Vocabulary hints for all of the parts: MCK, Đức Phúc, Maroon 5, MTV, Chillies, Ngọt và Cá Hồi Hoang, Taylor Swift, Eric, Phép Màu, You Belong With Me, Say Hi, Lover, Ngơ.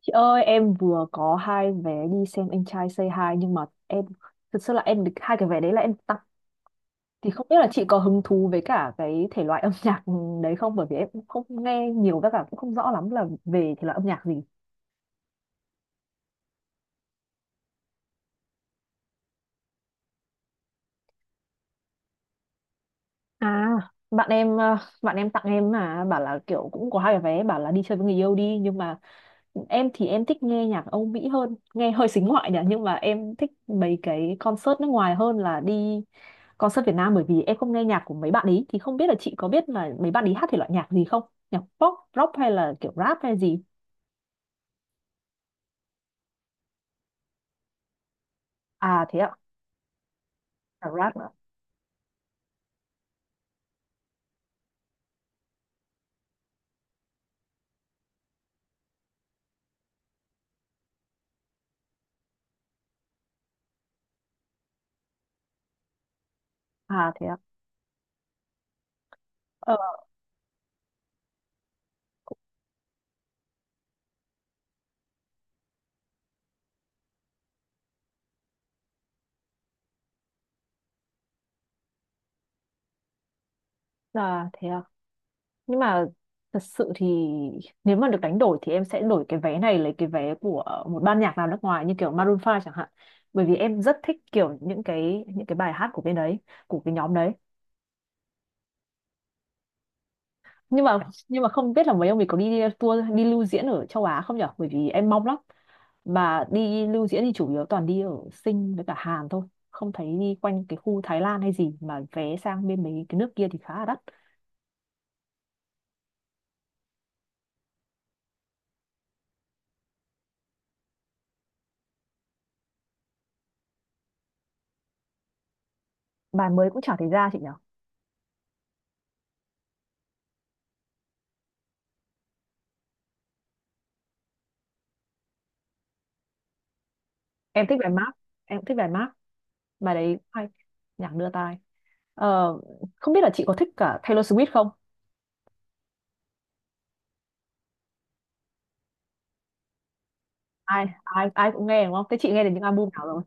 Chị ơi, em vừa có 2 vé đi xem anh trai Say Hi nhưng mà em thực sự là em được 2 cái vé đấy là em tặng, thì không biết là chị có hứng thú với cả cái thể loại âm nhạc đấy không, bởi vì em cũng không nghe nhiều với cả cũng không rõ lắm là về thể loại âm nhạc gì. À, bạn em bạn em tặng em mà bảo là kiểu cũng có 2 cái vé, bảo là đi chơi với người yêu đi, nhưng mà em thì em thích nghe nhạc Âu Mỹ hơn, nghe hơi xính ngoại nhỉ, nhưng mà em thích mấy cái concert nước ngoài hơn là đi concert Việt Nam, bởi vì em không nghe nhạc của mấy bạn ấy, thì không biết là chị có biết là mấy bạn ấy hát thể loại nhạc gì không, nhạc pop rock hay là kiểu rap hay gì. À thế ạ. À, rap ạ. À thế ạ. Ờ, à thế ạ. Nhưng mà thật sự thì nếu mà được đánh đổi thì em sẽ đổi cái vé này lấy cái vé của một ban nhạc nào nước ngoài như kiểu Maroon 5 chẳng hạn, bởi vì em rất thích kiểu những cái bài hát của bên đấy, của cái nhóm đấy. Nhưng mà nhưng mà không biết là mấy ông mình có đi tour đi lưu diễn ở châu Á không nhở, bởi vì em mong lắm, mà đi lưu diễn thì chủ yếu toàn đi ở Sing với cả Hàn thôi, không thấy đi quanh cái khu Thái Lan hay gì, mà vé sang bên mấy cái nước kia thì khá là đắt. Bài mới cũng chả thấy ra chị nhở. Em thích bài Mark. Em cũng thích bài Mark, bài đấy cũng hay, nhạc đưa tai. Ờ, không biết là chị có thích cả Taylor Swift không. Ai ai ai cũng nghe đúng không, thế chị nghe được những album nào rồi,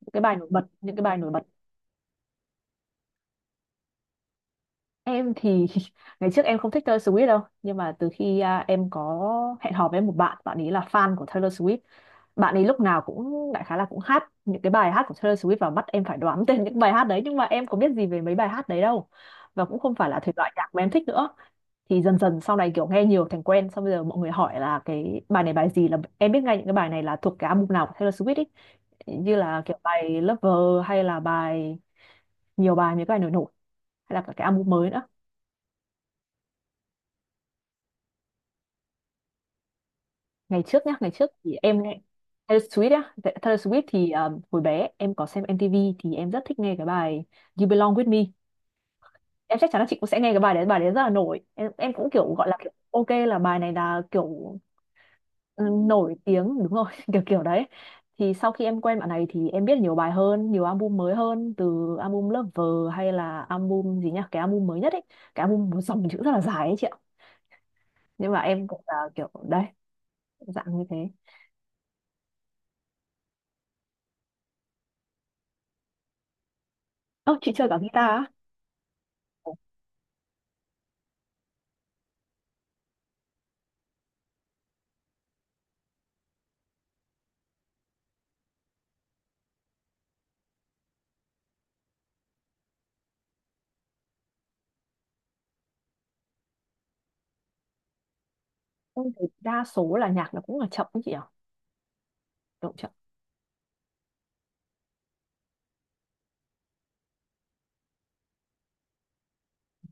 những cái bài nổi bật, những cái bài nổi bật. Em thì ngày trước em không thích Taylor Swift đâu, nhưng mà từ khi em có hẹn hò với một bạn, bạn ấy là fan của Taylor Swift, bạn ấy lúc nào cũng đại khái là cũng hát những cái bài hát của Taylor Swift và bắt em phải đoán tên những bài hát đấy, nhưng mà em có biết gì về mấy bài hát đấy đâu, và cũng không phải là thể loại nhạc mà em thích nữa. Thì dần dần sau này kiểu nghe nhiều thành quen, xong bây giờ mọi người hỏi là cái bài này bài gì là em biết ngay những cái bài này là thuộc cái album nào của Taylor Swift ấy, như là kiểu bài Lover hay là bài, nhiều bài, những cái bài nổi nổi, hay là cả cái album mới nữa. Ngày trước thì em nghe Taylor Swift á. Taylor Swift thì hồi bé em có xem MTV thì em rất thích nghe cái bài You Belong With Me. Em chắc chắn là chị cũng sẽ nghe cái bài đấy, bài đấy rất là nổi, em cũng kiểu gọi là kiểu, ok là bài này là kiểu, ừ, nổi tiếng đúng rồi, kiểu kiểu đấy. Thì sau khi em quen bạn này thì em biết nhiều bài hơn, nhiều album mới hơn, từ album Lover hay là album gì nhá, cái album mới nhất ấy, cái album một dòng chữ rất là dài ấy chị ạ, nhưng mà em cũng là kiểu đấy, dạng như thế. Ơ chị chơi cả guitar á? Em thì đa số là nhạc nó cũng là chậm ấy chị ạ. Độ chậm.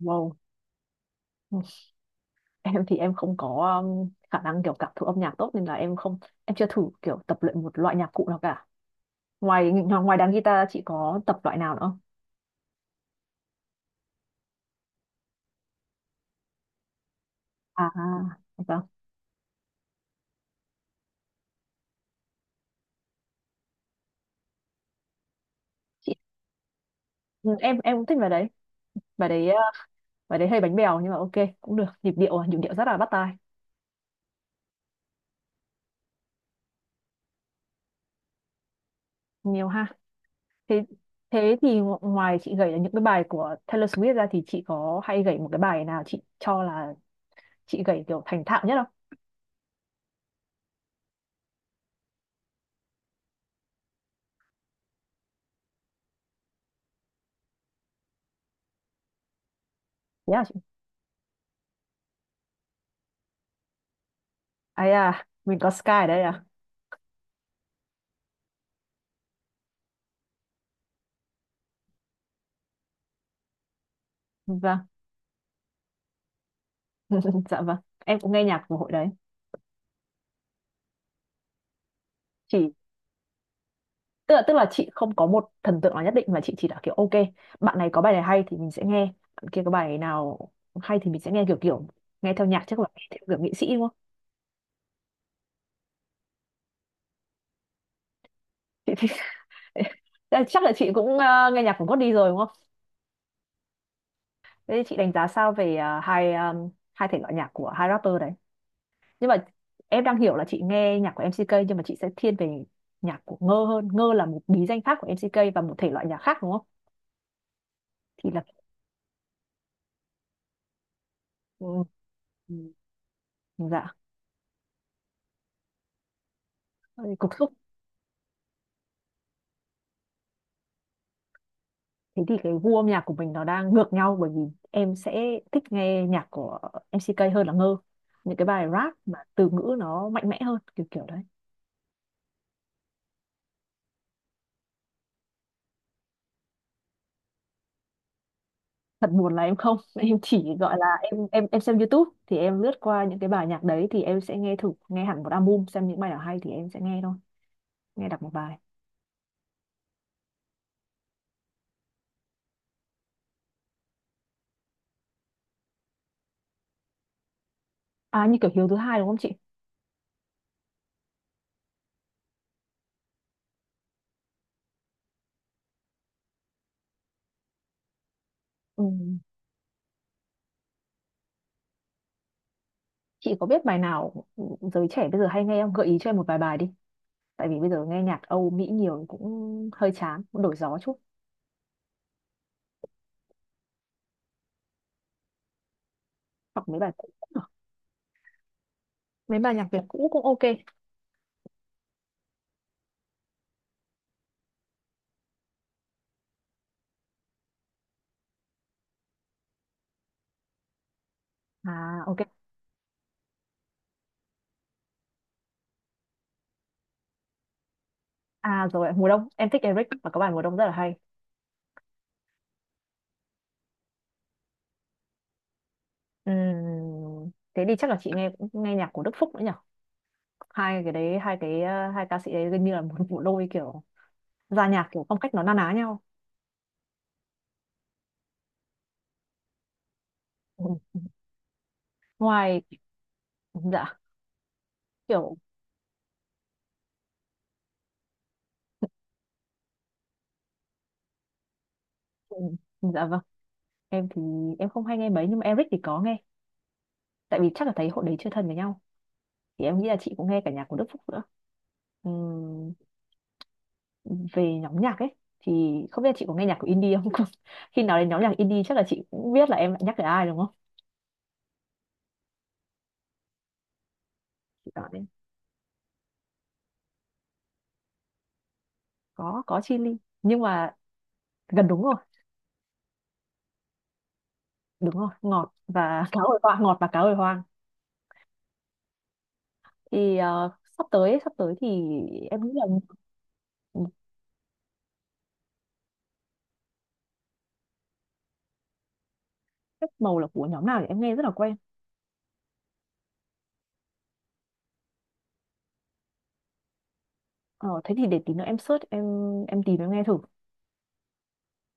Wow. Em thì em không có khả năng kiểu cảm thụ âm nhạc tốt nên là em không, em chưa thử kiểu tập luyện một loại nhạc cụ nào cả. Ngoài ngoài đàn guitar chị có tập loại nào nữa không? À, vâng. Chị, ừ, em cũng thích bài đấy, bài đấy, bài đấy hơi bánh bèo nhưng mà ok, cũng được, nhịp điệu rất là bắt tai. Nhiều ha. Thế, thế thì ngoài chị gảy là những cái bài của Taylor Swift ra thì chị có hay gảy một cái bài nào chị cho là chị gảy kiểu thành thạo nhất không? Thế. Yeah, ấy à, mình có Sky ở đây à. Vâng. Dạ vâng, em cũng nghe nhạc của hội đấy. Chỉ, tức là chị không có một thần tượng nào nhất định, mà chị chỉ là kiểu ok, bạn này có bài này hay thì mình sẽ nghe, bạn kia có bài nào hay thì mình sẽ nghe, kiểu kiểu nghe theo nhạc, chắc là nghe theo kiểu nghệ sĩ đúng không. Chị thì thế là chắc là chị cũng nghe nhạc của Gót đi rồi đúng không. Thế thì chị đánh giá sao về 2, 2 thể loại nhạc của 2 rapper đấy, nhưng mà em đang hiểu là chị nghe nhạc của MCK nhưng mà chị sẽ thiên về nhạc của Ngơ hơn, Ngơ là một bí danh khác của MCK và một thể loại nhạc khác đúng không. Thì là, ừ, ừ. Dạ. Cục xúc. Thế thì cái gu âm nhạc của mình nó đang ngược nhau, bởi vì em sẽ thích nghe nhạc của MCK hơn là Ngơ, những cái bài rap mà từ ngữ nó mạnh mẽ hơn, kiểu kiểu đấy. Thật buồn là em không, em chỉ gọi là em, em xem YouTube thì em lướt qua những cái bài nhạc đấy, thì em sẽ nghe thử, nghe hẳn một album xem những bài nào hay thì em sẽ nghe thôi, nghe đọc một bài. À như kiểu Hiếu thứ hai đúng không chị? Ừ. Chị có biết bài nào, giới trẻ bây giờ hay nghe không? Gợi ý cho em một vài bài đi. Tại vì bây giờ nghe nhạc Âu Mỹ nhiều cũng hơi chán, cũng đổi gió chút. Hoặc mấy bài cũ cũng được. Mấy bài nhạc Việt cũ cũng ok. À ok. À rồi, mùa đông. Em thích Eric và có bài mùa đông rất là hay. Thế thì chắc là chị nghe nghe nhạc của Đức Phúc nữa nhỉ? Hai cái đấy, hai cái, hai ca sĩ đấy gần như là một bộ đôi, kiểu ra nhạc kiểu phong cách nó na ná nhau. Ừ. Ngoài. Dạ. Kiểu. Ừ, dạ vâng, em thì em không hay nghe mấy nhưng mà Eric thì có nghe, tại vì chắc là thấy hội đấy chưa thân với nhau, thì em nghĩ là chị cũng nghe cả nhạc của Đức Phúc nữa. Về nhóm nhạc ấy thì không biết là chị có nghe nhạc của indie không, khi nào đến nhóm nhạc indie chắc là chị cũng biết là em lại nhắc tới ai đúng không. Chị đoán đấy. Có Chillies nhưng mà gần đúng rồi. Đúng rồi, ngọt và cá hồi hoang, ngọt và cá hồi hoang. Thì sắp tới, sắp tới thì em nghĩ là, Phép màu là của nhóm nào thì em nghe rất là quen. Ờ, thế thì để tí nữa em search, em tìm em nghe thử,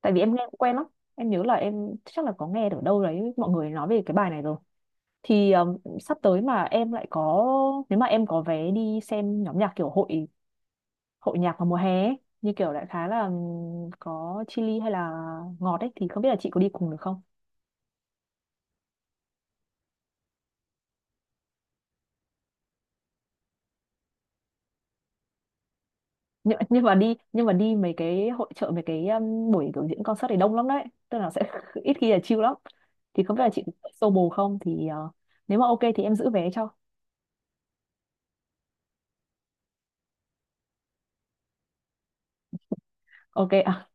tại vì em nghe cũng quen lắm, em nhớ là em chắc là có nghe ở đâu đấy mọi người nói về cái bài này rồi. Thì sắp tới mà em lại có, nếu mà em có vé đi xem nhóm nhạc kiểu hội, hội nhạc vào mùa hè ấy, như kiểu đại khái là có Chillies hay là Ngọt ấy, thì không biết là chị có đi cùng được không. Nhưng mà đi mấy cái hội chợ, mấy cái buổi biểu diễn concert thì đông lắm đấy, tức là sẽ ít khi là chill lắm, thì không biết là chị có solo không, thì nếu mà ok thì em giữ vé cho. Ok.